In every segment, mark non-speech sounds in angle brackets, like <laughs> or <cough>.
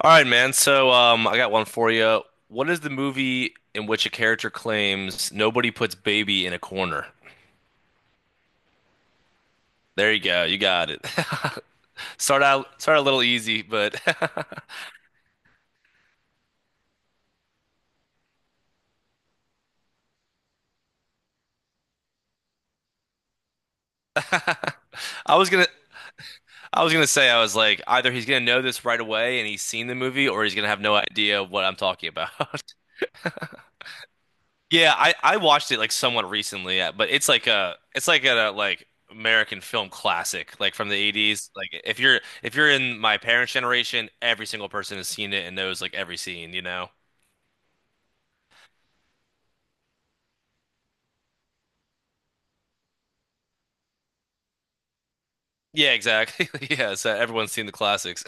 All right, man. I got one for you. What is the movie in which a character claims nobody puts baby in a corner? There you go. You got it. <laughs> Start a little easy, but <laughs> I was gonna, I was gonna say, I was like, either he's gonna know this right away and he's seen the movie, or he's gonna have no idea what I'm talking about. <laughs> Yeah, I watched it like somewhat recently, yeah, but it's like a like American film classic, like from the 80s. Like if you're in my parents' generation, every single person has seen it and knows like every scene. Yeah, exactly. <laughs> Yeah, so everyone's seen the classics.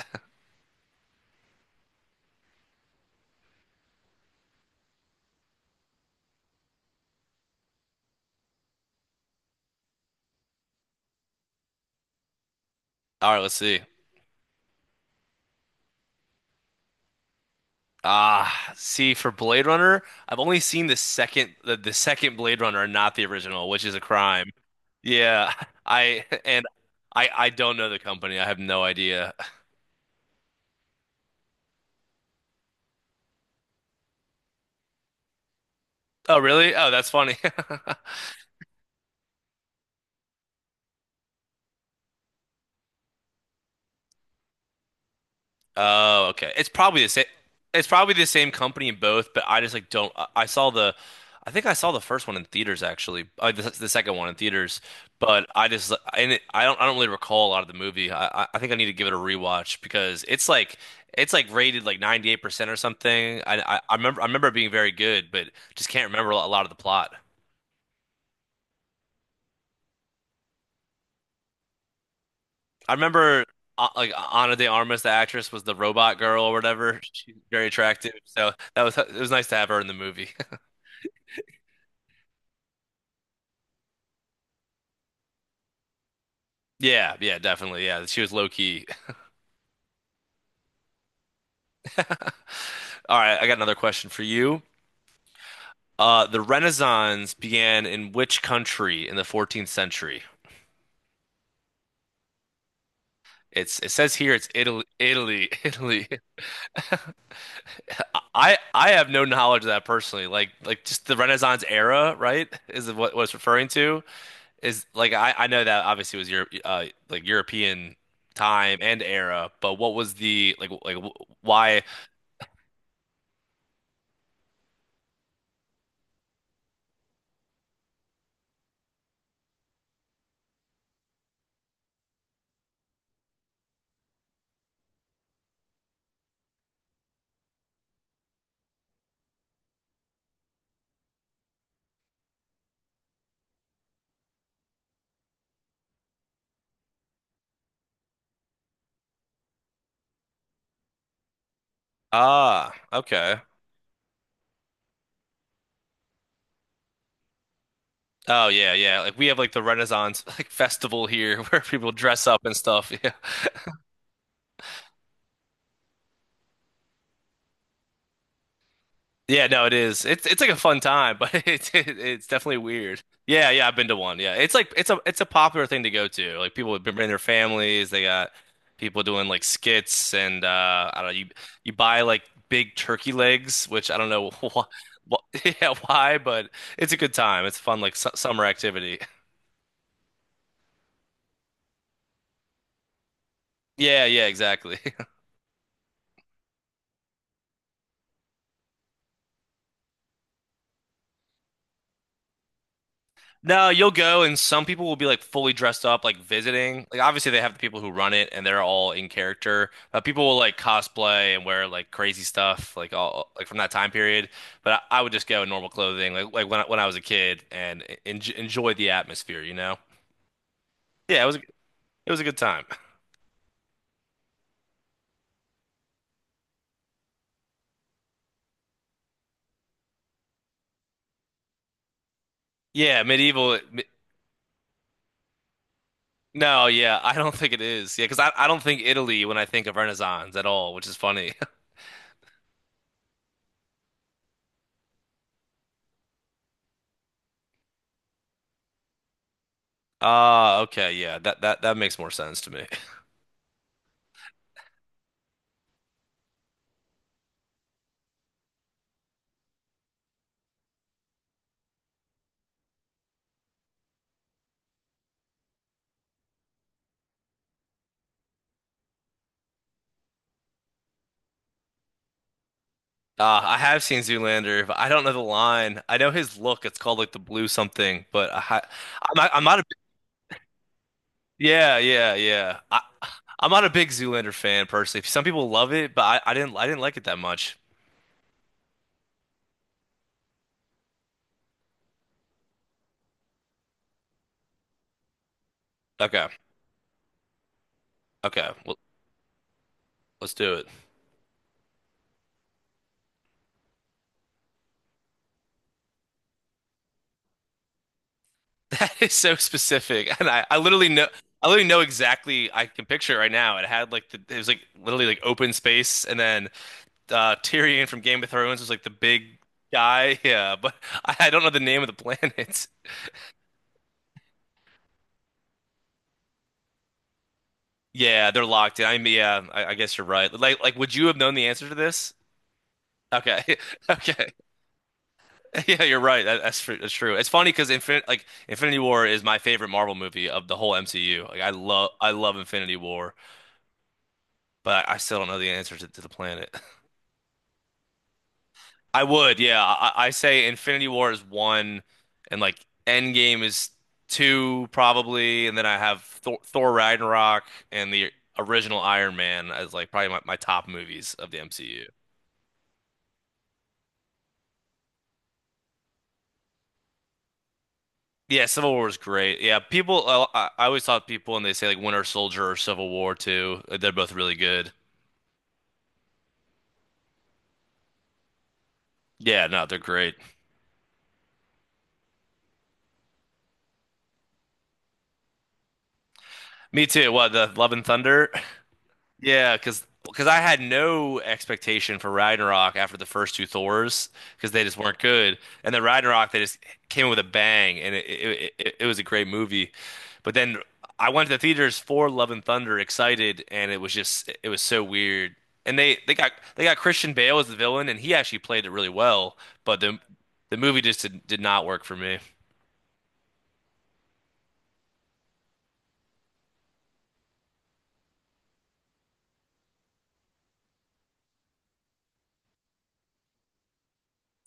All right, let's see. Ah, see for Blade Runner, I've only seen the second Blade Runner and not the original, which is a crime. Yeah, <laughs> I and I don't know the company. I have no idea. Oh, really? Oh, that's funny. <laughs> Oh, okay. It's probably the same. It's probably the same company in both, but I just like don't. I saw I think I saw the first one in theaters actually. The second one in theaters, but I just and it, I don't. I don't really recall a lot of the movie. I think I need to give it a rewatch because it's like rated like 98% or something. I remember I remember it being very good, but just can't remember a lot of the plot. I remember like Ana de Armas, the actress, was the robot girl or whatever. She's very attractive, so that was it was nice to have her in the movie. Yeah, yeah, definitely. Yeah, she was low key. <laughs> All right, I got another question for you. The Renaissance began in which country in the 14th century? It says here it's Italy, Italy, <laughs> Italy. I have no knowledge of that personally. Like just the Renaissance era, right? Is what it's referring to. Is like I know that obviously was Europe, like European time and era, but what was the like why? Ah, okay. Oh yeah, yeah. Like we have like the Renaissance <laughs> like festival here <laughs> where people dress up and stuff. <laughs> Yeah. Yeah, no, it is. It's like a fun time, but <laughs> it's definitely weird. Yeah, yeah, I've been to one. Yeah. It's like it's a popular thing to go to. Like people have been bringing their families, they got people doing like skits and I don't know, you buy like big turkey legs, which I don't know <laughs> why, <laughs> yeah, why, but it's a good time. It's fun like su summer activity. <laughs> Yeah, yeah, exactly. No, you'll go, and some people will be like fully dressed up, like visiting. Like obviously they have the people who run it, and they're all in character. But people will like cosplay and wear like crazy stuff, like all like from that time period. But I would just go in normal clothing, like when I was a kid, and en enjoy the atmosphere. Yeah, it was a good time. Yeah, medieval. No, yeah, <laughs> I don't think it is. Yeah, because I don't think Italy when I think of Renaissance at all, which is funny. <laughs> Ah, okay, yeah, that makes more sense to me. I have seen Zoolander, but I don't know the line. I know his look. It's called like the blue something, but I'm not a, yeah, yeah, yeah. I'm not a big Zoolander fan personally. Some people love it, but I didn't like it that much. Okay, okay, well, let's do it. <laughs> That is so specific, and I literally know exactly. I can picture it right now. It had it was like literally like open space, and then Tyrion from Game of Thrones was like the big guy. <laughs> Yeah, but I don't know the name of the <laughs> planet. Yeah, they're locked in. I mean, yeah, I guess you're right. Would you have known the answer to this? Okay, <laughs> okay. <laughs> Yeah, you're right. That's true. That's true. It's funny because Infinity War is my favorite Marvel movie of the whole MCU. Like, I love Infinity War, but I still don't know the answer to the planet. <laughs> I would, yeah. I say Infinity War is one, and like Endgame is two probably, and then I have Thor Ragnarok and the original Iron Man as like probably my top movies of the MCU. Yeah, Civil War is great. Yeah, people. I always thought people when they say like Winter Soldier or Civil War too, they're both really good. Yeah, no, they're great. Me too. What, the Love and Thunder? <laughs> Yeah, because I had no expectation for Ragnarok after the first two Thors because they just weren't good, and then Ragnarok they just came with a bang, and it was a great movie. But then I went to the theaters for Love and Thunder excited, and it was so weird. And they got Christian Bale as the villain, and he actually played it really well, but the movie just did not work for me.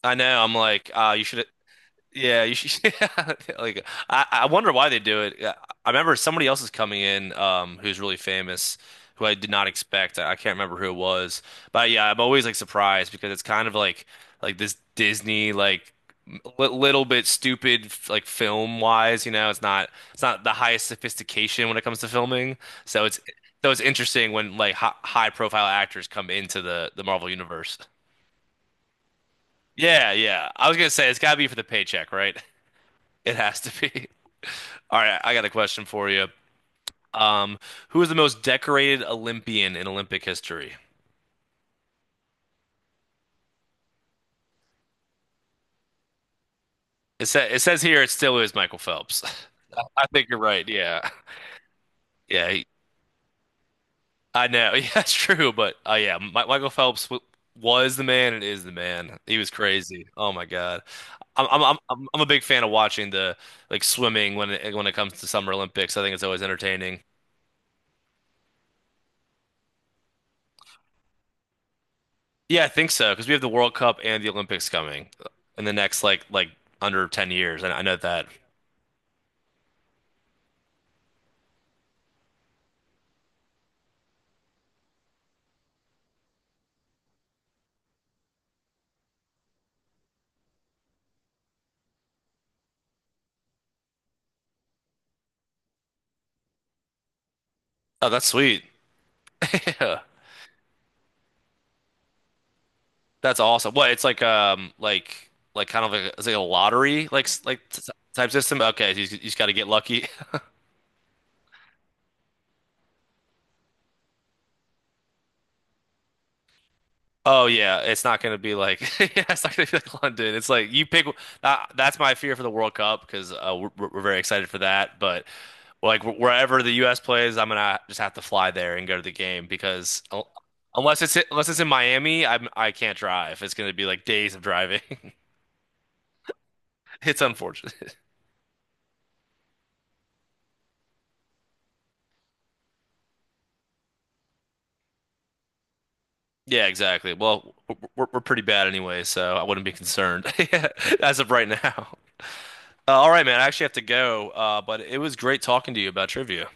I know. I'm like, you should. Yeah, you should. <laughs> Yeah, like, I wonder why they do it. I remember somebody else is coming in, who's really famous, who I did not expect. I can't remember who it was, but yeah, I'm always like surprised because it's kind of like this Disney like li little bit stupid like film wise. You know, it's not the highest sophistication when it comes to filming. So it's so it's interesting when like hi high profile actors come into the Marvel universe. Yeah, yeah. I was gonna say it's gotta be for the paycheck, right? <laughs> It has to be. <laughs> All right, I got a question for you. Um, who is the most decorated Olympian in Olympic history? It says here it still is Michael Phelps. <laughs> I think you're right. Yeah. Yeah, he- I know. <laughs> Yeah, that's true, but yeah, Michael Phelps w was the man and is the man. He was crazy. Oh my God. I'm a big fan of watching the like swimming when it comes to Summer Olympics. I think it's always entertaining. Yeah, I think so because we have the World Cup and the Olympics coming in the next like under 10 years. And I know that. Oh, that's sweet. <laughs> Yeah. That's awesome. What, it's like it's like a lottery like s- like t type system. Okay, so you just got to get lucky. <laughs> Oh yeah, it's not going to be like <laughs> yeah, it's not going to be like London. It's like you pick. That's my fear for the World Cup because we're very excited for that. But like wherever the U.S. plays, I'm gonna just have to fly there and go to the game unless it's unless it's in Miami, I can't drive. It's going to be like days of driving. <laughs> It's unfortunate. Yeah, exactly. Well, we're pretty bad anyway, so I wouldn't be concerned <laughs> as of right now. All right, man. I actually have to go. But it was great talking to you about trivia.